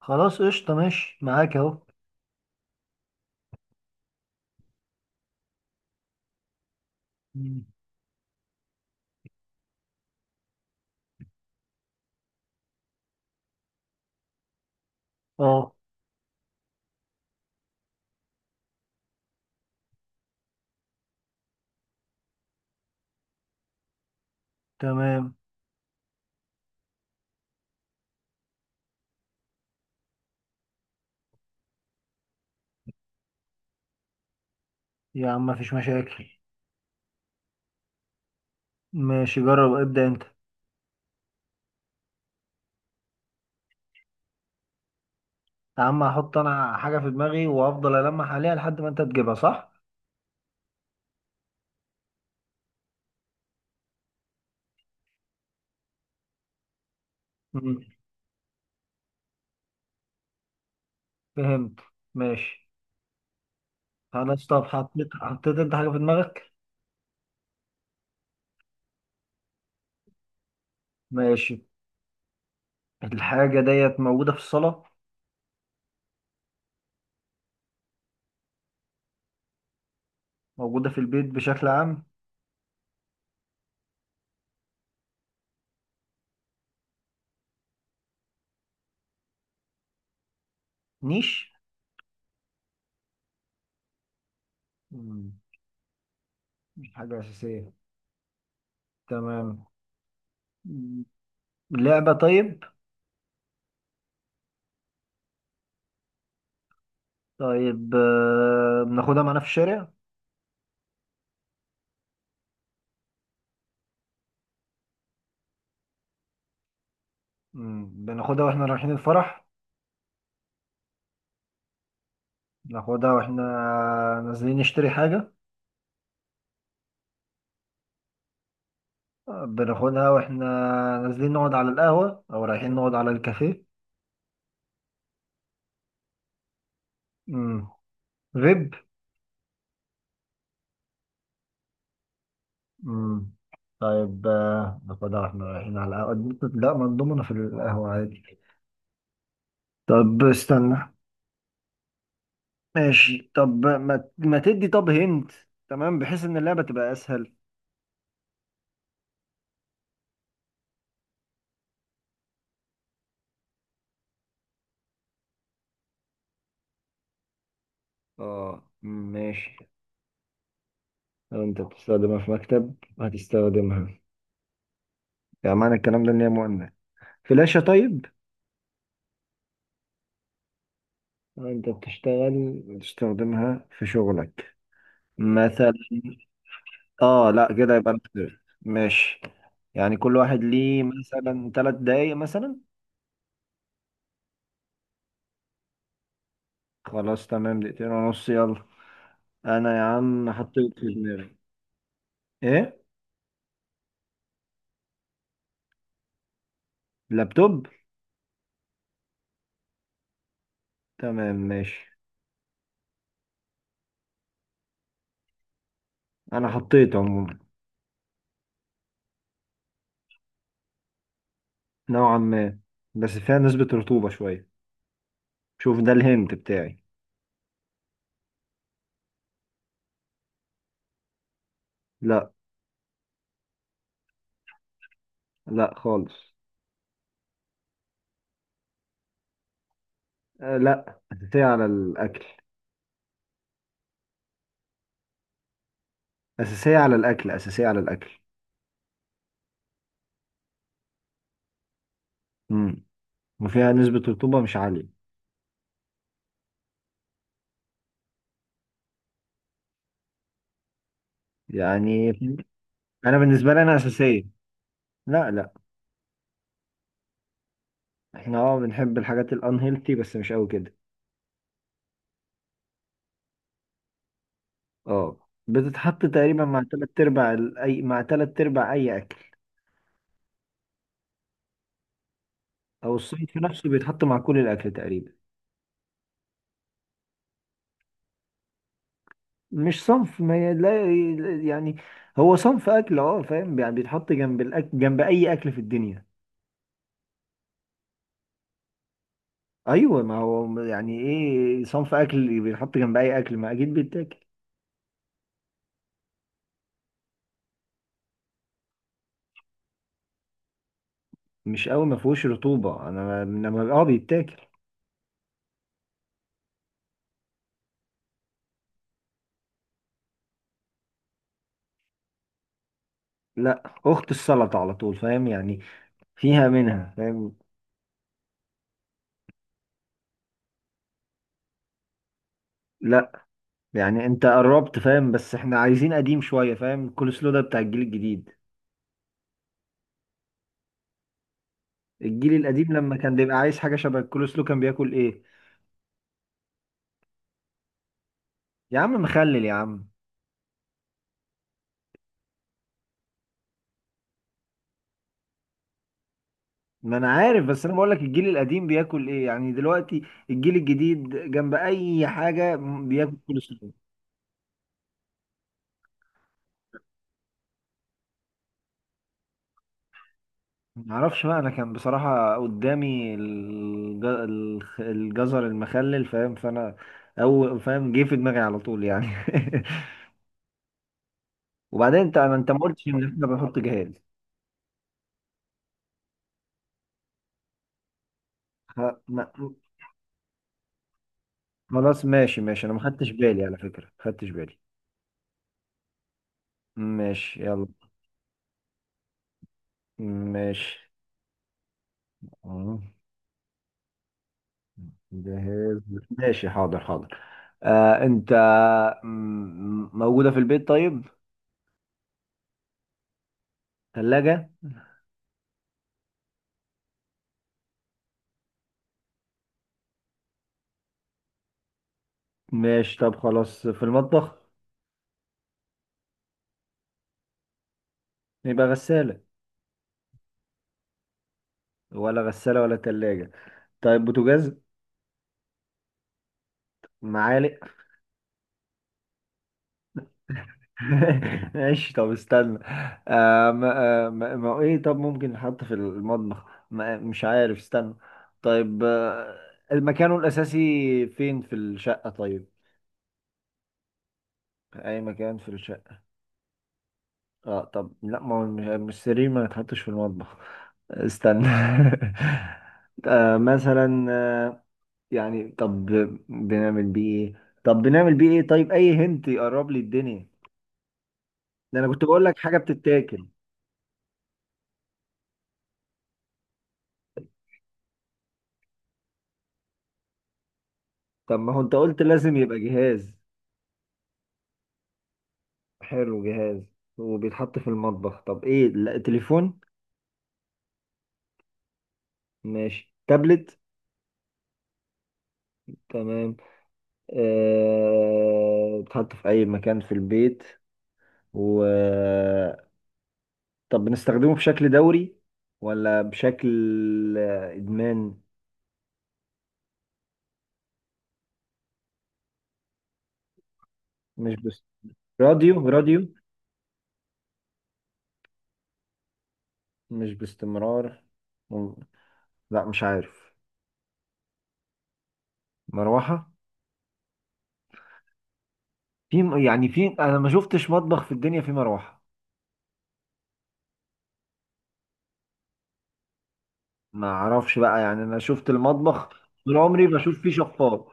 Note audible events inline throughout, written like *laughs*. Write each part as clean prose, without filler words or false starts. خلاص قشطة، ماشي معاك اهو. مم. اه. تمام. يا عم مفيش مشاكل. ماشي، جرب ابدأ انت. يا عم هحط انا حاجة في دماغي وافضل ألمح عليها لحد ما انت تجيبها، صح؟ مم. فهمت. ماشي. خلاص، طب حطيت انت حاجة في دماغك؟ ماشي. الحاجة ديت موجودة في الصالة؟ موجودة في البيت بشكل عام؟ نيش. مم. مش حاجة أساسية. تمام. مم. لعبة؟ طيب. طيب، بناخدها معانا في الشارع؟ مم. بناخدها واحنا رايحين الفرح؟ بناخدها واحنا نازلين نشتري حاجة؟ بناخدها واحنا نازلين نقعد على القهوة أو رايحين نقعد على الكافيه؟ مم. فيب؟ مم. طيب، ناخدها واحنا رايحين على القهوة. لا، ما نضمنا في القهوة عادي. طب استنى. ماشي، طب ما تدي، طب هنت. تمام، بحيث إن اللعبة تبقى أسهل. اه، مم، ماشي. لو انت بتستخدمها في مكتب هتستخدمها. يعني معنى الكلام ده ان هي مؤنث. فلاشة؟ طيب. انت بتشتغل بتستخدمها في شغلك؟ مم. مثلا. اه، لا، كده يبقى ماشي. يعني كل واحد ليه مثلا ثلاث دقايق مثلا. خلاص، تمام، دقيقتين ونص، يلا. انا يا عم حطيت في دماغي. ايه؟ لابتوب. تمام، ماشي. انا حطيت عموما. نوعا ما. بس فيها نسبة رطوبة شوية. شوف ده الهنت بتاعي. لا، لا خالص. لا، أساسية على الأكل. أساسية على الأكل. أساسية على الأكل. مم. وفيها نسبة رطوبة مش عالية. يعني أنا بالنسبة لي أنا أساسية. لا لا. إحنا بنحب الحاجات الأنهيلتي بس مش أوي كده. بتتحط تقريبا مع تلات أرباع أي مع تلات أرباع أي أكل. أو الصيد في نفسه بيتحط مع كل الأكل تقريبا. مش صنف، ما ي- لا ي- يعني هو صنف أكل، فاهم، يعني بيتحط جنب الأكل، جنب أي أكل في الدنيا. أيوه، ما هو يعني إيه صنف أكل بيتحط جنب أي أكل، ما أكيد بيتاكل. مش قوي، ما فيهوش رطوبة، انا لما بيتاكل. لا، اخت السلطه على طول، فاهم يعني؟ فيها منها، فاهم؟ لا. يعني انت قربت، فاهم، بس احنا عايزين قديم شويه، فاهم؟ الكول سلو ده بتاع الجيل الجديد. الجيل القديم لما كان بيبقى عايز حاجه شبه الكول سلو كان بياكل ايه؟ يا عم مخلل يا عم. ما انا عارف، بس انا بقول لك الجيل القديم بياكل ايه يعني دلوقتي. الجيل الجديد جنب اي حاجه بياكل كول سلو. معرفش بقى، انا كان بصراحة قدامي الجزر المخلل، فاهم؟ فانا، او فاهم، جه في دماغي على طول يعني. *laughs* وبعدين انت ما قلتش ان احنا بنحط جهاز. خ- ما- خلاص، ماشي ماشي، انا ما خدتش بالي، على فكرة ما خدتش بالي. ماشي يلا. ماشي. آه، جهاز. ماشي، حاضر حاضر. انت، موجودة في البيت؟ طيب، ثلاجة؟ ماشي، طب خلاص في المطبخ. يبقى غسالة؟ ولا غسالة ولا تلاجة. طيب بوتاجاز؟ معالق؟ *laughs* ماشي، طب استنى. ما هو ايه؟ طب ممكن نحط في المطبخ. ما مش عارف، استنى. طيب، مكانه الأساسي فين في الشقة؟ طيب، أي مكان في الشقة. اه، طب لا، ما هو مش السرير ما يتحطش في المطبخ. استنى. *laughs* مثلا، يعني، طب بنعمل بيه ايه؟ طب بنعمل بيه ايه؟ طيب، أي هنت يقرب لي الدنيا. ده انا كنت بقول لك حاجه بتتاكل. طب ما هو انت قلت لازم يبقى جهاز. حلو، جهاز وبيتحط في المطبخ. طب ايه؟ لا، تليفون؟ ماشي، تابلت؟ تمام. بيتحط في اي مكان في البيت. و طب بنستخدمه بشكل دوري، ولا بشكل ادمان؟ مش بس، راديو؟ راديو. مش باستمرار. مم. لا مش عارف. مروحه؟ في، يعني في، انا ما شفتش مطبخ في الدنيا فيه مروحه. ما اعرفش بقى، يعني انا شفت المطبخ طول عمري بشوف فيه شفاط.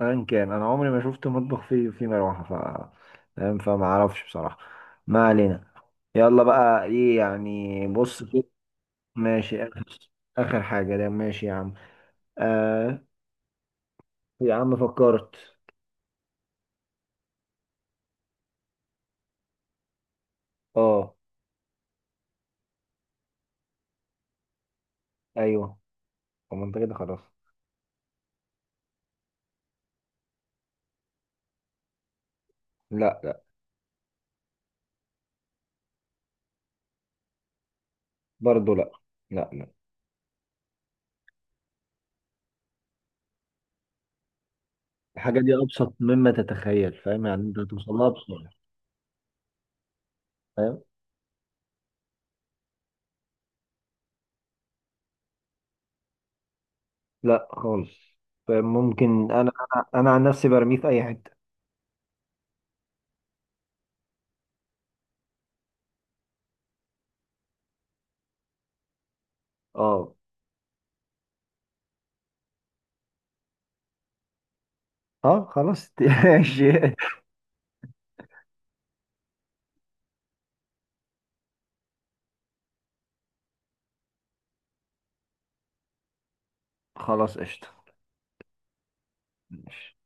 ان كان انا عمري ما شفت مطبخ فيه مروحه، ف فاهم، فما اعرفش بصراحه. ما علينا. يلا بقى ايه يعني؟ بص كده. ماشي، اخر. اخر حاجه، ده ماشي يا عم. آه. يا عم فكرت. اه. ايوه. طب ما انت كده خلاص. لا لا. برضه لا. لا لا. الحاجه دي ابسط مما تتخيل، فاهم؟ يعني انت توصلها بسرعه. فاهم. لا خالص. فممكن انا أنا عن نفسي برميه في اي حته. اه. اه، خلاص. *laughs* ماشي. خلاص قشطه. ماشي.